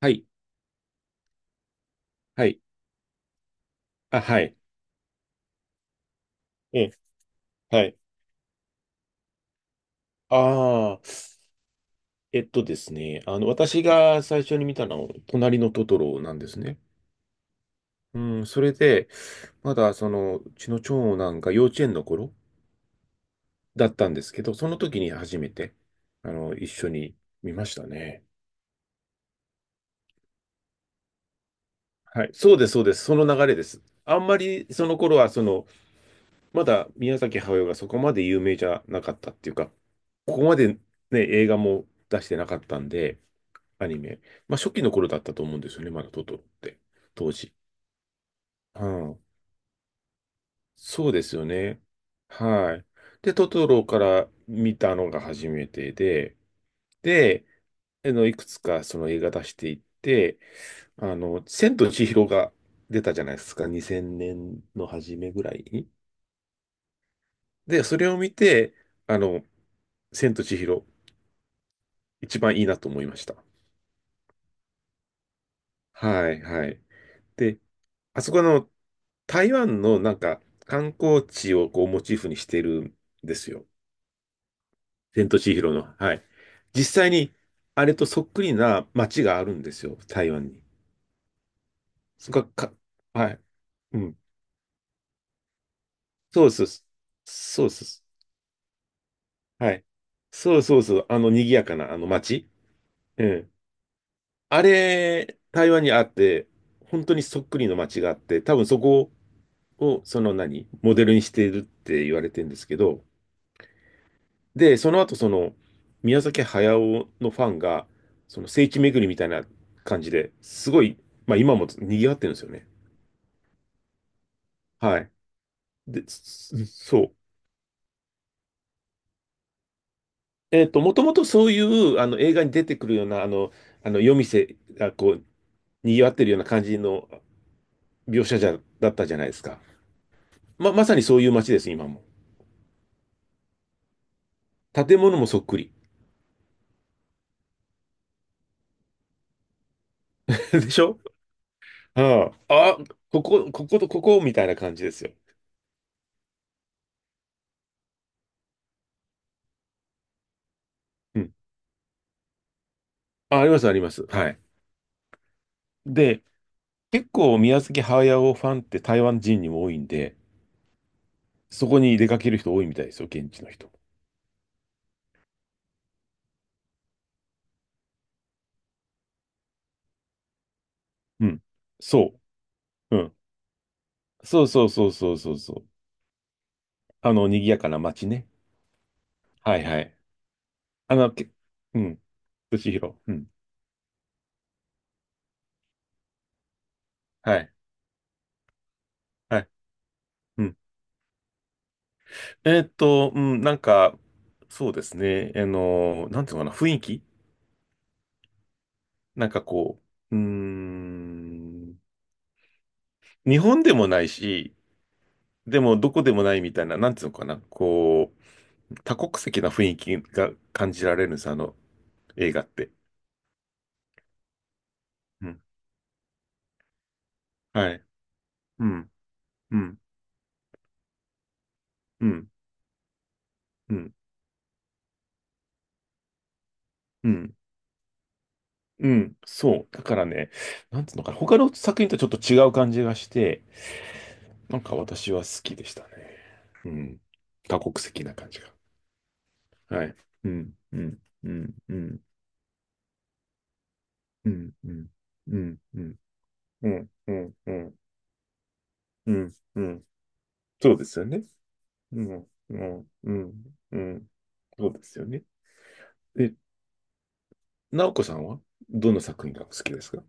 はい。はい。あ、はい。ええ、はい。ああ、ですね、私が最初に見たのは、隣のトトロなんですね。うん、それで、まだ、うちの長男が幼稚園の頃だったんですけど、その時に初めて、一緒に見ましたね。はい、そうです、そうです、その流れです。あんまり、その頃は、まだ宮崎駿がそこまで有名じゃなかったっていうか、ここまでね、映画も出してなかったんで、アニメ。まあ、初期の頃だったと思うんですよね、まだトトロって、当時。うん、そうですよね。はい。で、トトロから見たのが初めてで、で、いくつかその映画出していって、千と千尋が出たじゃないですか、2000年の初めぐらいに。で、それを見て、あの、千と千尋、一番いいなと思いました。はい、はい。で、あそこの台湾のなんか観光地をこうモチーフにしてるんですよ。千と千尋の。はい。実際にあれとそっくりな街があるんですよ、台湾に。そこはか、はい。うん。そうそうそう。そうそうそう。はい。そうそうそう。あの賑やかなあの街。うん。あれ、台湾にあって、本当にそっくりの街があって、多分そこをその何、モデルにしているって言われてるんですけど、で、その後、宮崎駿のファンが、その聖地巡りみたいな感じですごい、まあ今も賑わってるんですよね。はい。で、そう。もともとそういうあの映画に出てくるような、あの夜店がこう、賑わってるような感じの描写じゃ、だったじゃないですか。まさにそういう街です、今も。建物もそっくり。でしょ。ああ、ここと、ここみたいな感じですよ。うん。あります、あります。はい。で、結構宮崎駿ファンって台湾人にも多いんで、そこに出かける人多いみたいですよ、現地の人。うん。そう。うん。そうそうそうそうそうそう。あの、賑やかな街ね。はいはい。あの、け、うん。敏弘。うん。はい。はい。うん。うん、なんか、そうですね。なんていうのかな、雰囲気なんかこう、うーん。日本でもないし、でもどこでもないみたいな、なんていうのかな、こう、多国籍な雰囲気が感じられるんです、あの映画って。うん。はい。うん。うん。うん。うん。うん。うん。そう。だからね、なんつうのかな。他の作品とちょっと違う感じがして、なんか私は好きでしたね。うん。多国籍な感じが。はい。うん。うん。うん。うん。うん。うん。うん。うん。うん。うん。うん。うん。うん、そうですよね。うん。うん。うん。うん。そうですよね。え直子さんはどの作品が好きですか？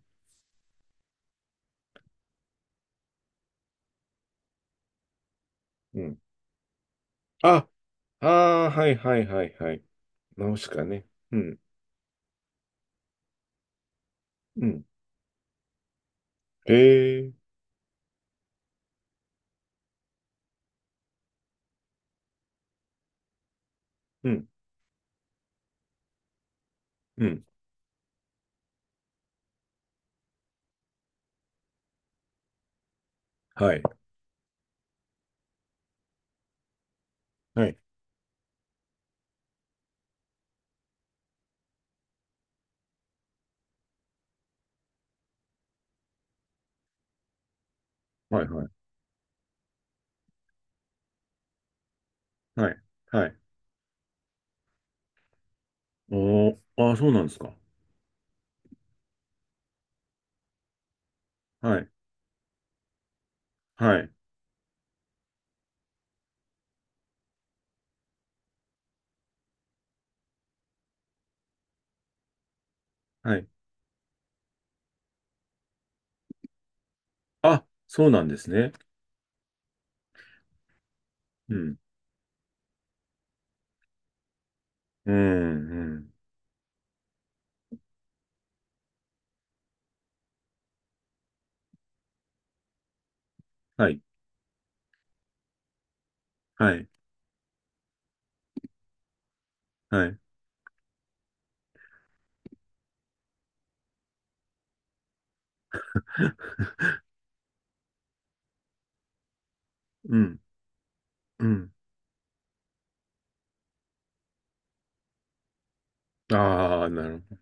うん。あ、ああ、はいはいはいはい。ナウシカね。うん、うん。へえ、うん、うん。はい、はい、はい、はい、はい、はい。おー、ああ、そうなんですか。はい、はい、はい。あ、そうなんですね。うん、うん、うん。はい、はい、はい。うん、うん。ああ、なるほど。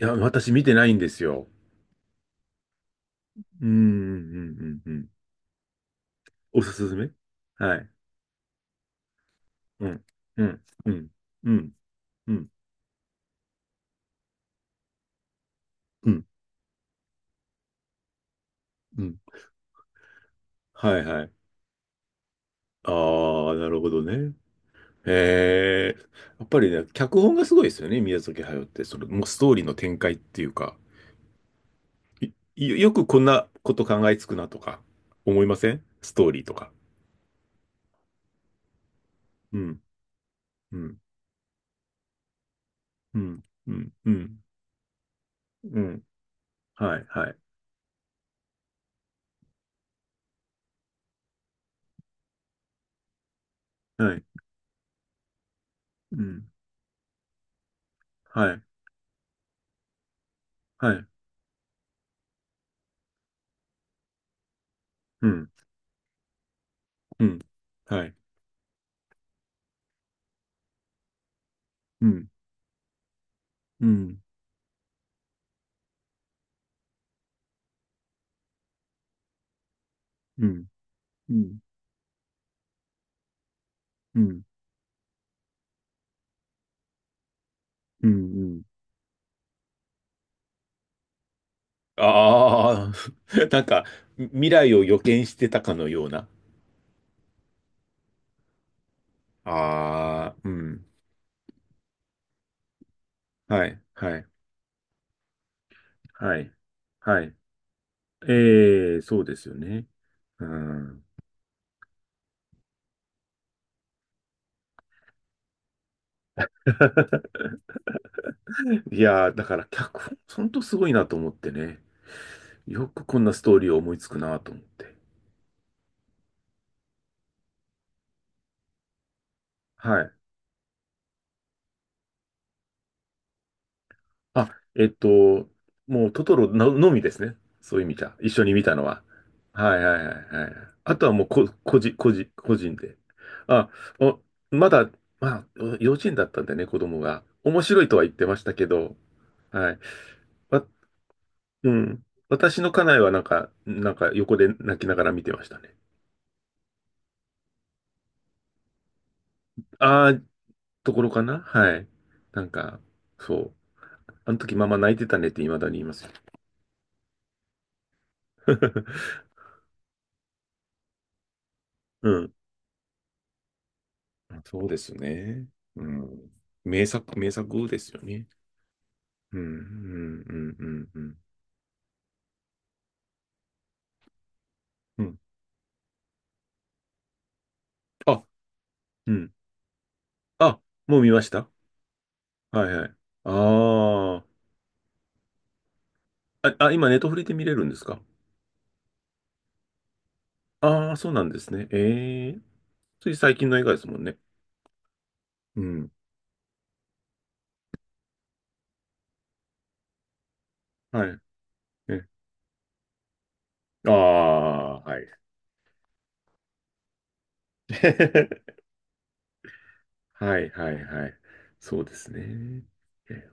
いや、私見てないんですよ。うん、うん、うん、うん。うん。おすすめ。はい。うん。うん。うん。うん。うん。うん。うん。はいはい。ああ、なるほどね。へえ。やっぱりね、脚本がすごいですよね、宮崎駿って。もうストーリーの展開っていうか。よくこんなこと考えつくなとか、思いませんストーリーとか？うん。うん。うん。うん。うん。うん。はい。はい。はい。うん。はい。はい。うん。うん。はい。うん。うん。うん。うん。うん。うん。うん。うん。ああ、なんか、未来を予見してたかのような。ああ、うん。はい、はい、はい、はい。ええ、そうですよね。うん。いやー、だから脚本、ほんとすごいなと思ってね。よくこんなストーリーを思いつくなと思って。はい。あ、えっと、もうトトロのみですね。そういう意味じゃ。一緒に見たのは。はいはいはいはい。あとはもう個人、個人、個人で。あ、お、まだ、まあ、お幼稚園だったんでね、子供が。面白いとは言ってましたけど、はい。わ、うん。私の家内はなんか、横で泣きながら見てましたね。ああ、ところかな。はい。なんか、そう。あの時ママ泣いてたねって未だに言いますよ。うん。そうですね。うん。名作、名作ですよね。うん、うん、うん、うん、うん。うん。あ、うん。あ、もう見ました？はいはい。ああ。あ今、ネットフリで見れるんですか？ああー、そうなんですね。ええ、つい最近の映画ですもんね。うん。はい。え、ああ、はい。はい、はい、はい。そうですね。え